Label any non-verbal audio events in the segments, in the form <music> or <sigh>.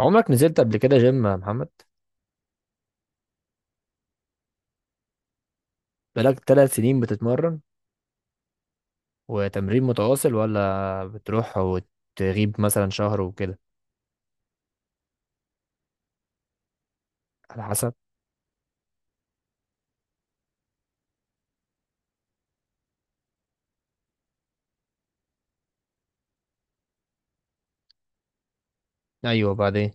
عمرك نزلت قبل كده جيم يا محمد؟ بقالك 3 سنين بتتمرن؟ وتمرين متواصل ولا بتروح وتغيب مثلا شهر وكده؟ على حسب. ايوه، بعدين؟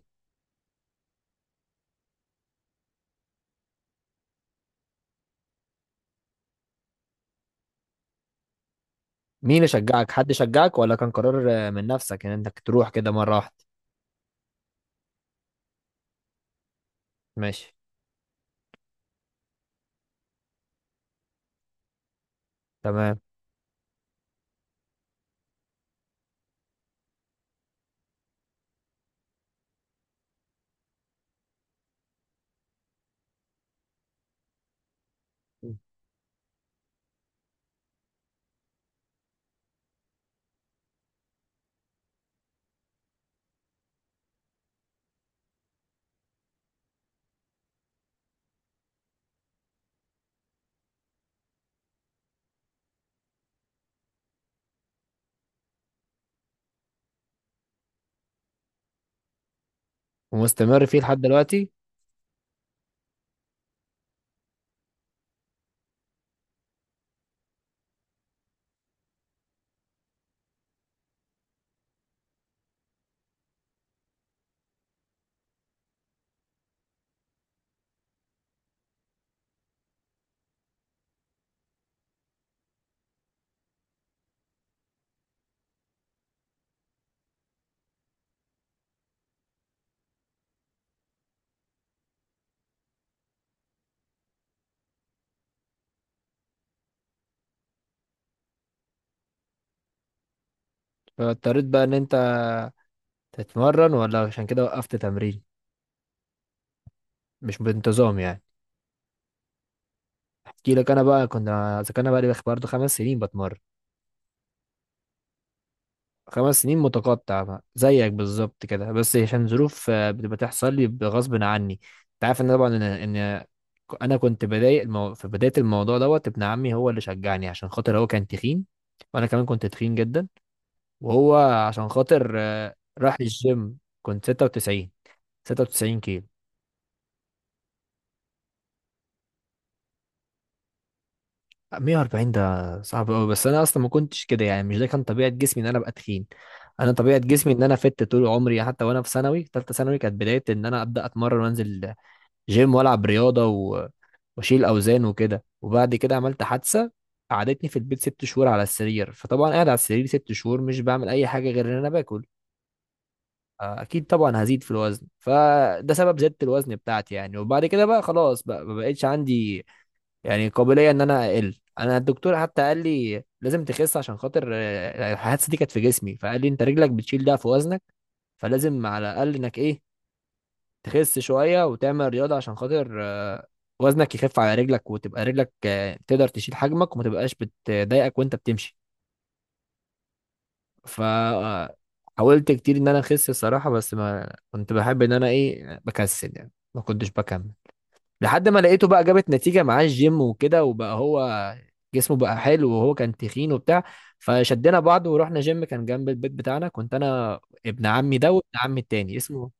مين اللي شجعك، حد شجعك ولا كان قرار من نفسك ان انك تروح كده مره واحده؟ ماشي. تمام. ومستمر فيه لحد دلوقتي؟ فاضطريت بقى ان انت تتمرن ولا عشان كده وقفت تمرين؟ مش بانتظام يعني. احكي لك انا بقى. كنا اذا كان، انا بقى لي برضه 5 سنين بتمرن. 5 سنين متقطع بقى، زيك بالظبط كده، بس عشان ظروف بتبقى تحصل لي بغصب عني. انت عارف ان طبعا ان انا كنت بداية في بداية الموضوع دوت ابن عمي هو اللي شجعني، عشان خاطر هو كان تخين. وانا كمان كنت تخين جدا. وهو عشان خاطر راح الجيم. كنت 96، 96 كيلو. 140 ده صعب قوي، بس انا اصلا ما كنتش كده يعني. مش ده كان طبيعة جسمي ان انا ابقى تخين. انا طبيعه جسمي ان انا فت طول عمري. حتى وانا في ثانوي، ثالثه ثانوي، كانت بدايه ان انا ابدا اتمرن وانزل جيم والعب رياضه و... واشيل اوزان وكده. وبعد كده عملت حادثه قعدتني في البيت 6 شهور على السرير. فطبعا قاعد على السرير 6 شهور مش بعمل اي حاجه غير ان انا باكل. اكيد طبعا هزيد في الوزن. فده سبب زياده الوزن بتاعتي يعني. وبعد كده بقى خلاص بقى ما بقتش عندي يعني قابليه ان انا اقل. انا الدكتور حتى قال لي لازم تخس، عشان خاطر الحادثه دي كانت في جسمي. فقال لي انت رجلك بتشيل ده في وزنك، فلازم على الاقل انك ايه تخس شوية وتعمل رياضة، عشان خاطر وزنك يخف على رجلك، وتبقى رجلك تقدر تشيل حجمك وما تبقاش بتضايقك وانت بتمشي. ف حاولت كتير ان انا اخس الصراحة. بس ما كنت بحب ان انا ايه، بكسل يعني، ما كنتش بكمل. لحد ما لقيته بقى جابت نتيجة معاه الجيم وكده، وبقى هو جسمه بقى حلو، وهو كان تخين وبتاع. فشدينا بعض ورحنا جيم كان جنب البيت بتاعنا. كنت انا ابن عمي ده وابن عمي التاني اسمه...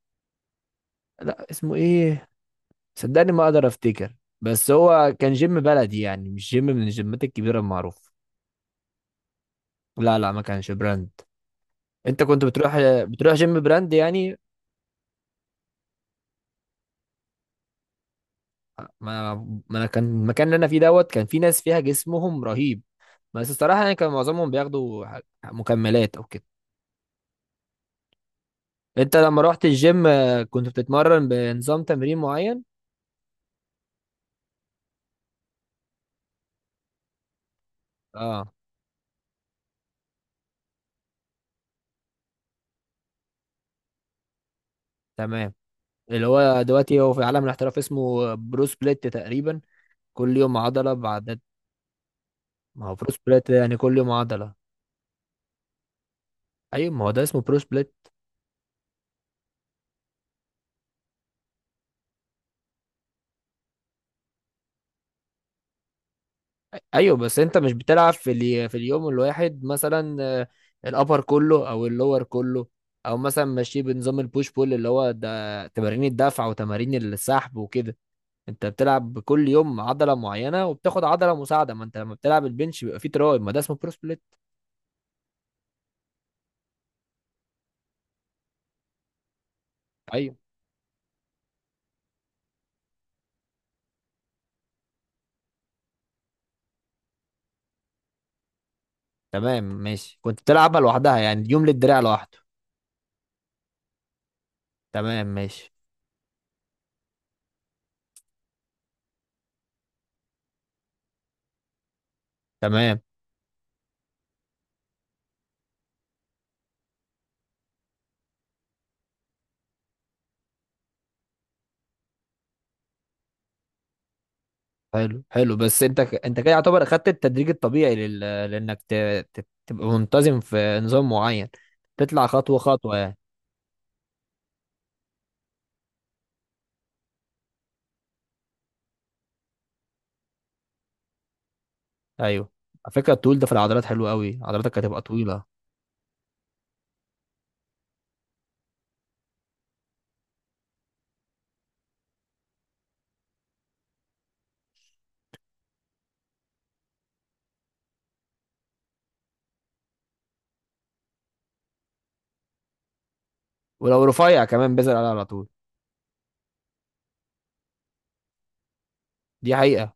لا، اسمه ايه، صدقني ما اقدر افتكر. بس هو كان جيم بلدي يعني، مش جيم من الجيمات الكبيره المعروفه. لا لا، ما كانش براند. انت كنت بتروح، بتروح جيم براند يعني. ما ما انا كان المكان اللي انا فيه دوت كان في ناس فيها جسمهم رهيب. بس الصراحه يعني كان معظمهم بياخدوا مكملات او كده. انت لما رحت الجيم كنت بتتمرن بنظام تمرين معين؟ اه تمام. اللي هو دلوقتي هو في عالم الاحتراف اسمه برو سبليت تقريبا. كل يوم عضله بعدد. ما هو برو سبليت يعني كل يوم عضله. ايوه، ما هو ده اسمه برو سبليت. ايوه، بس انت مش بتلعب في اليوم الواحد مثلا الابر كله او اللور كله، او مثلا ماشي بنظام البوش بول اللي هو ده تمارين الدفع وتمارين السحب وكده. انت بتلعب كل يوم عضله معينه وبتاخد عضله مساعده. ما انت لما بتلعب البنش بيبقى فيه تراي، ما ده اسمه برو سبليت. ايوه تمام ماشي، كنت بتلعبها لوحدها يعني، يوم للدراع لوحده. تمام ماشي. تمام. حلو حلو، بس انت انت كده يعتبر اخدت التدريج الطبيعي لل... لانك تبقى منتظم في نظام معين، تطلع خطوه خطوه يعني. ايوه. على فكره، الطول ده في العضلات حلو قوي، عضلاتك هتبقى طويله. ولو رفيع كمان بيزعل عليها على طول. دي حقيقه.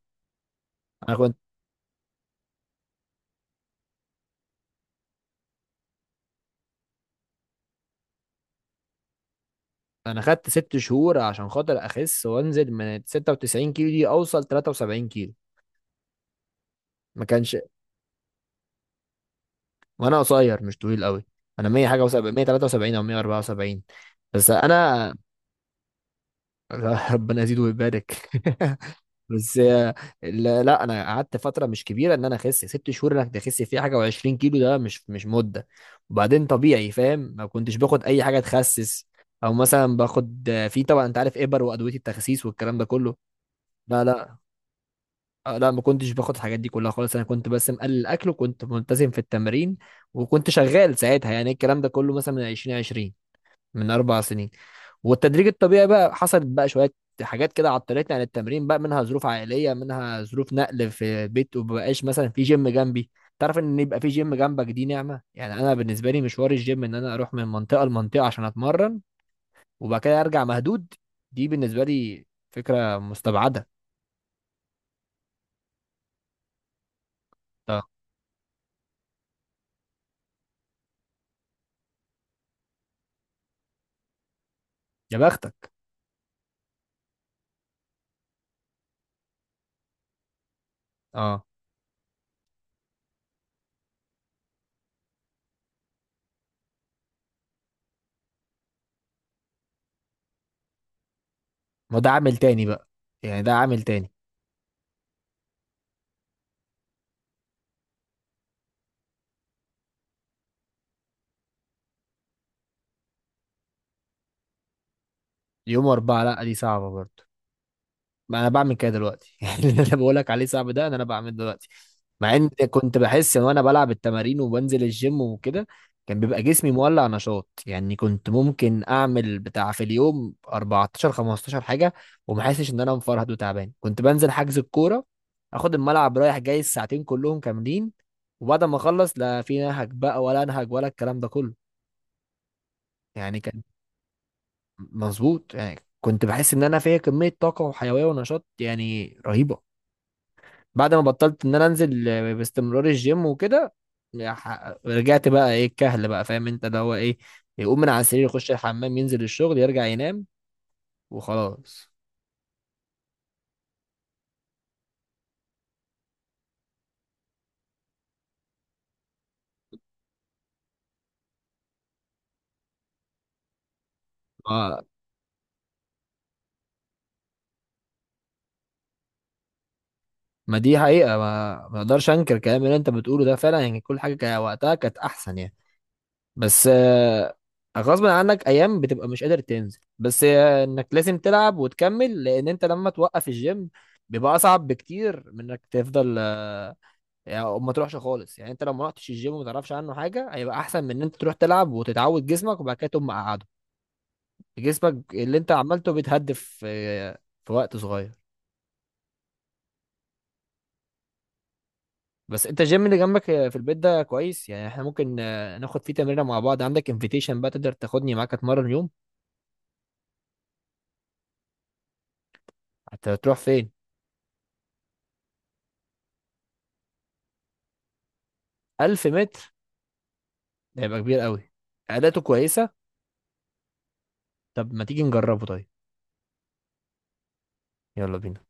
انا كنت، انا خدت 6 شهور عشان خاطر اخس وانزل من 96 كيلو دي اوصل 73 كيلو. ما كانش. وانا قصير مش طويل قوي، انا 100 حاجه و7، 173 او 174. بس انا <laughs> ربنا يزيده ويبارك <laughs> بس لا لا، انا قعدت فتره مش كبيره. ان انا اخس 6 شهور انك تخس فيه حاجه و20 كيلو، ده مش مده. وبعدين طبيعي، فاهم. ما كنتش باخد اي حاجه تخسس، او مثلا باخد في، طبعا انت عارف، ابر وادويه التخسيس والكلام ده كله. لا لا، لا، ما كنتش باخد الحاجات دي كلها خالص. انا كنت بس مقلل الاكل وكنت ملتزم في التمرين. وكنت شغال ساعتها يعني إيه الكلام ده كله، مثلا من 2020، من 4 سنين. والتدريج الطبيعي بقى حصلت بقى شوية حاجات كده عطلتني عن التمرين. بقى منها ظروف عائلية، منها ظروف نقل في بيت، ومبقاش مثلا في جيم جنبي. تعرف ان يبقى في جيم جنبك دي نعمة يعني. انا بالنسبة لي مشوار الجيم ان انا اروح من منطقة لمنطقة عشان اتمرن، وبعد كده ارجع مهدود، دي بالنسبة لي فكرة مستبعدة. اه. يا بختك. اه. ما ده عامل تاني بقى، يعني ده عامل تاني. يوم اربعة لا دي صعبة برضه. ما انا بعمل كده دلوقتي <laughs> يعني اللي انا بقولك عليه صعب ده انا بعمله دلوقتي. مع ان كنت بحس ان وانا بلعب التمارين وبنزل الجيم وكده كان بيبقى جسمي مولع نشاط يعني. كنت ممكن اعمل بتاع في اليوم 14 15 حاجه وما حاسش ان انا مفرهد وتعبان. كنت بنزل حجز الكوره، اخد الملعب رايح جاي الساعتين كلهم كاملين، وبعد ما اخلص لا في نهج بقى ولا انهج ولا الكلام ده كله. يعني كان، مظبوط يعني، كنت بحس ان انا فيا كميه طاقه وحيويه ونشاط يعني رهيبه. بعد ما بطلت ان انا انزل باستمرار الجيم وكده، رجعت بقى ايه الكهل بقى، فاهم انت، اللي هو ايه، يقوم من على السرير يخش الحمام ينزل الشغل يرجع ينام وخلاص. ما, ما دي حقيقة، ما اقدرش انكر الكلام اللي انت بتقوله ده فعلا يعني. كل حاجة كان وقتها كانت احسن يعني. بس غصب عنك ايام بتبقى مش قادر تنزل، بس انك لازم تلعب وتكمل، لان انت لما توقف الجيم بيبقى اصعب بكتير من انك تفضل يعني، أو ما تروحش خالص يعني. انت لو ما رحتش الجيم وما تعرفش عنه حاجه هيبقى احسن من ان انت تروح تلعب وتتعود جسمك وبعد كده تقوم مقعده، جسمك اللي انت عملته بيتهدف في وقت صغير. بس انت الجيم اللي جنبك في البيت ده كويس يعني، احنا ممكن ناخد فيه تمرينه مع بعض، عندك انفيتيشن بقى تقدر تاخدني معاك اتمرن يوم. هتروح فين؟ 1000 متر؟ ده هيبقى كبير قوي. اداته كويسه. طب ما تيجي نجربه طيب. يلا بينا.